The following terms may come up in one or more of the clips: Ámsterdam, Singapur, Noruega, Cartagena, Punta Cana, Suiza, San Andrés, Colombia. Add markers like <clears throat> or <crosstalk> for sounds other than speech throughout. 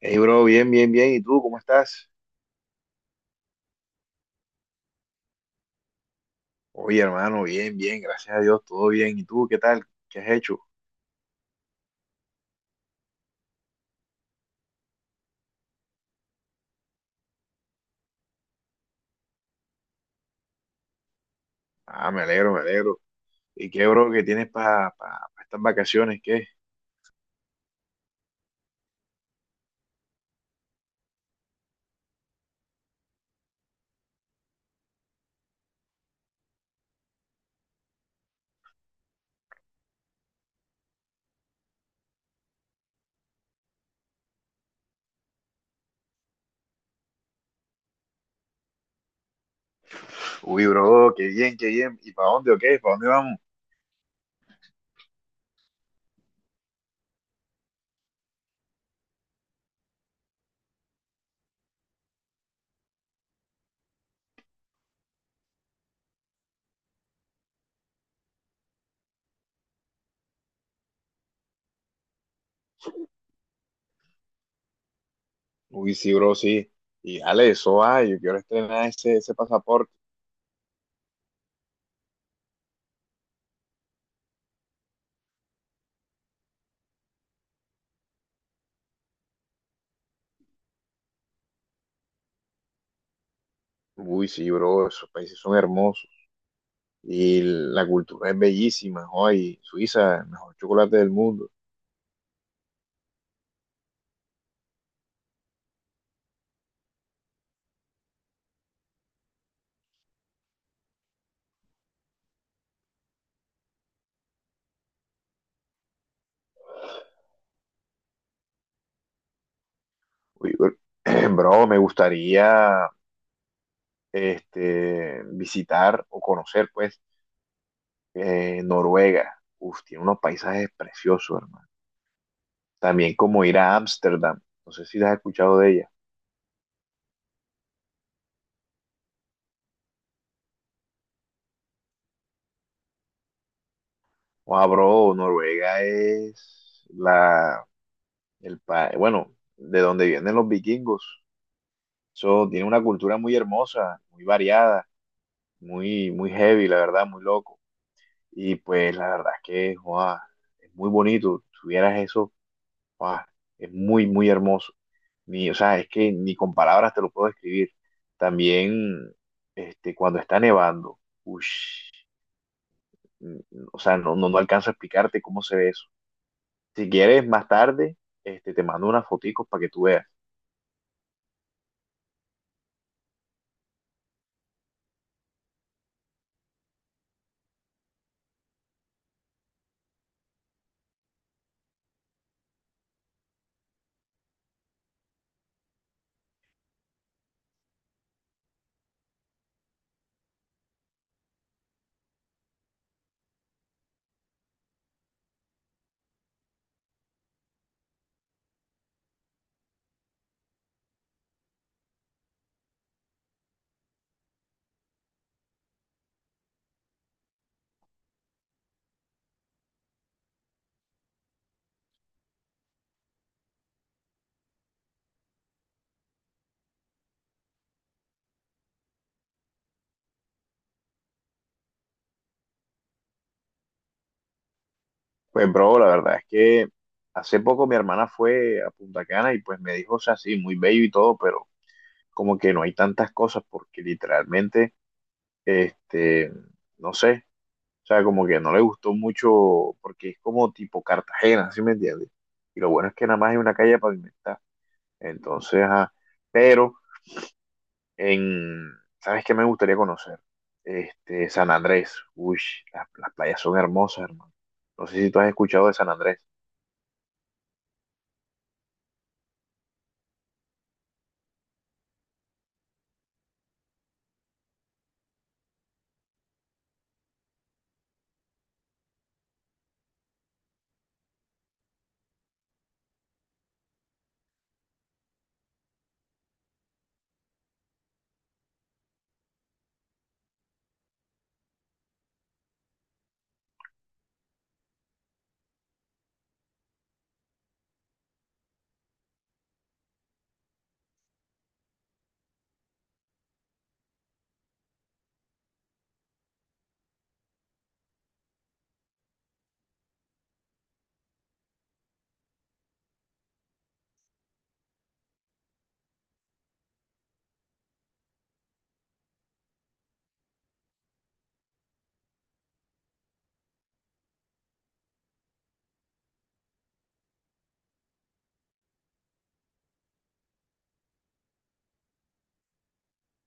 Hey, bro, bien, bien, bien. ¿Y tú cómo estás? Oye, hermano, bien, bien, gracias a Dios, todo bien. ¿Y tú qué tal? ¿Qué has hecho? Ah, me alegro, me alegro. ¿Y qué, bro, qué tienes para estas vacaciones? ¿Qué? Uy, bro, qué bien, qué bien. ¿Y para dónde o qué? ¿Para dónde vamos? Uy, sí, bro, sí. Y dale, eso va, yo quiero estrenar ese pasaporte. Uy, sí, bro, esos países son hermosos. Y la cultura es bellísima. Hoy, Suiza, el mejor chocolate del mundo. Uy, bro, <clears throat> bro, me gustaría este, visitar o conocer, pues, Noruega. Uf, tiene unos paisajes preciosos, hermano. También como ir a Ámsterdam. No sé si has escuchado de ella. Wow, bro, Noruega es el país, bueno, de donde vienen los vikingos. Eso tiene una cultura muy hermosa, muy variada, muy, muy heavy, la verdad, muy loco. Y pues la verdad es que, wow, es muy bonito. Tuvieras esos. Guau, es muy, muy hermoso. Ni, o sea, es que ni con palabras te lo puedo describir. También, este, cuando está nevando, ush, o sea, no alcanzo a explicarte cómo se ve eso. Si quieres, más tarde, este, te mando unas foticos para que tú veas. Pues, bro, la verdad es que hace poco mi hermana fue a Punta Cana y pues me dijo, o sea, sí, muy bello y todo, pero como que no hay tantas cosas porque literalmente, este, no sé. O sea, como que no le gustó mucho porque es como tipo Cartagena, ¿sí me entiendes? Y lo bueno es que nada más hay una calle pavimentada. Entonces, ajá, pero en, ¿sabes qué me gustaría conocer? Este, San Andrés. Uy, las playas son hermosas, hermano. No sé si tú has escuchado de San Andrés.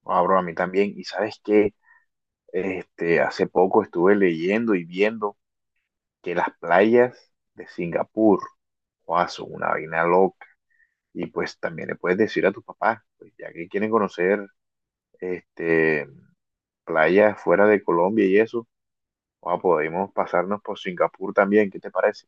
Ah, bro, a mí también. Y sabes qué, este, hace poco estuve leyendo y viendo que las playas de Singapur, wow, son una vaina loca. Y pues también le puedes decir a tus papás, pues ya que quieren conocer este, playas fuera de Colombia y eso, ah, podemos pasarnos por Singapur también, ¿qué te parece?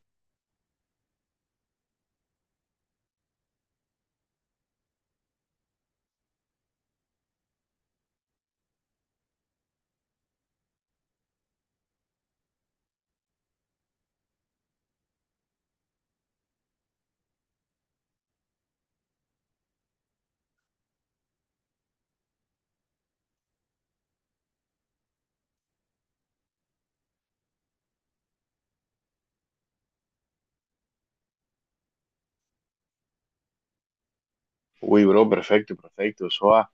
Uy, bro, perfecto, perfecto, eso va,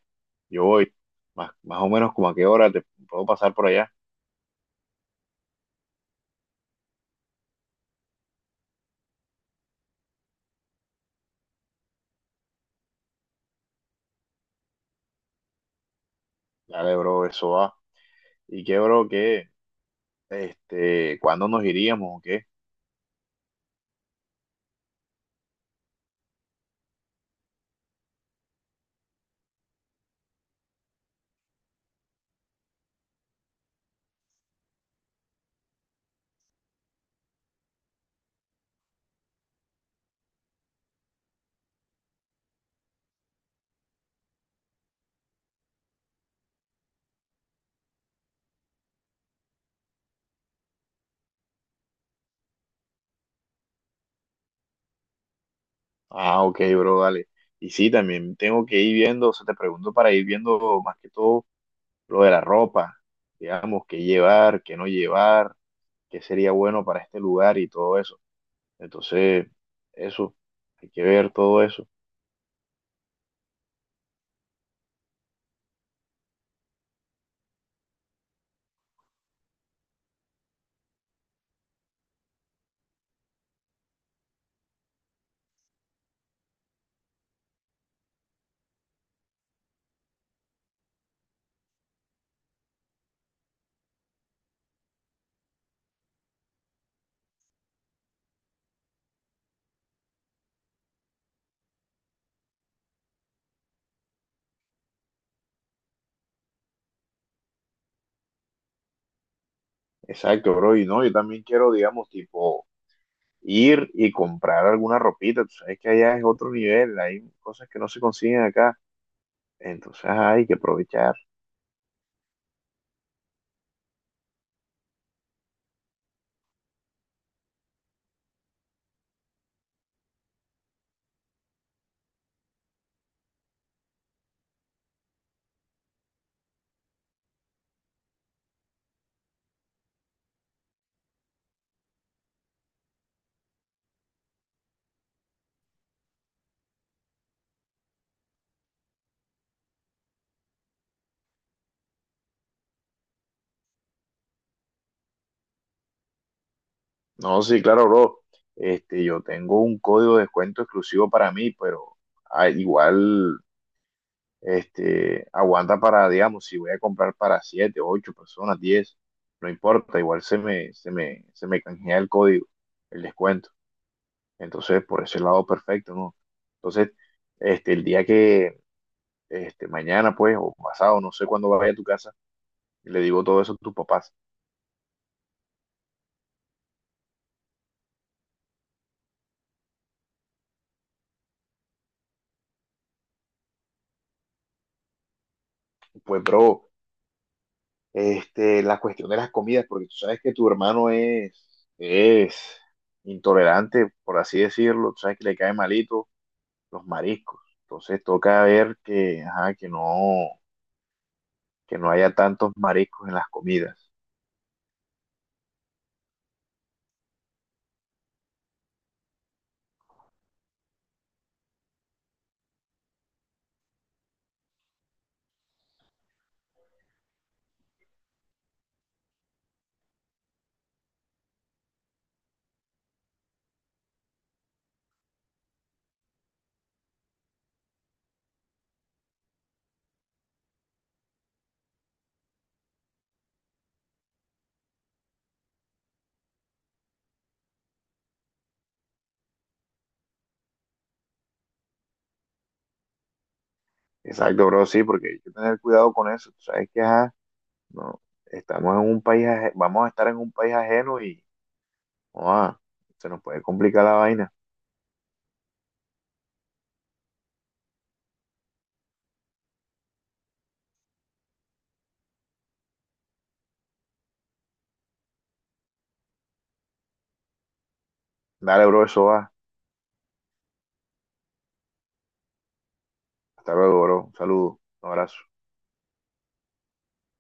yo voy, más, más o menos como a qué hora te puedo pasar por allá. Dale, bro, eso va. ¿Y qué, bro, qué? Este, ¿cuándo nos iríamos o qué? Ah, ok, bro, dale. Y sí, también tengo que ir viendo, o sea, te pregunto para ir viendo más que todo lo de la ropa, digamos, qué llevar, qué no llevar, qué sería bueno para este lugar y todo eso. Entonces, eso, hay que ver todo eso. Exacto, bro. Y no, yo también quiero, digamos, tipo, ir y comprar alguna ropita. Tú sabes que allá es otro nivel, hay cosas que no se consiguen acá. Entonces, ajá, hay que aprovechar. No, sí, claro, bro. Este, yo tengo un código de descuento exclusivo para mí, pero igual. Este, aguanta para, digamos, si voy a comprar para 7 8 personas, 10 no importa, igual se me canjea el código, el descuento. Entonces, por ese lado, perfecto, ¿no? Entonces, este, el día este, mañana, pues, o pasado, no sé cuándo vaya a tu casa, le digo todo eso a tus papás. Pues, bro, este, la cuestión de las comidas, porque tú sabes que tu hermano es intolerante, por así decirlo, tú sabes que le cae malito los mariscos. Entonces toca ver que, ajá, que no, haya tantos mariscos en las comidas. Exacto, bro, sí, porque hay que tener cuidado con eso. Tú sabes que ajá, no, estamos en un país, vamos a estar en un país ajeno y no, se nos puede complicar la vaina. Dale, bro, eso va. Hasta luego, bro. Un saludo, un abrazo.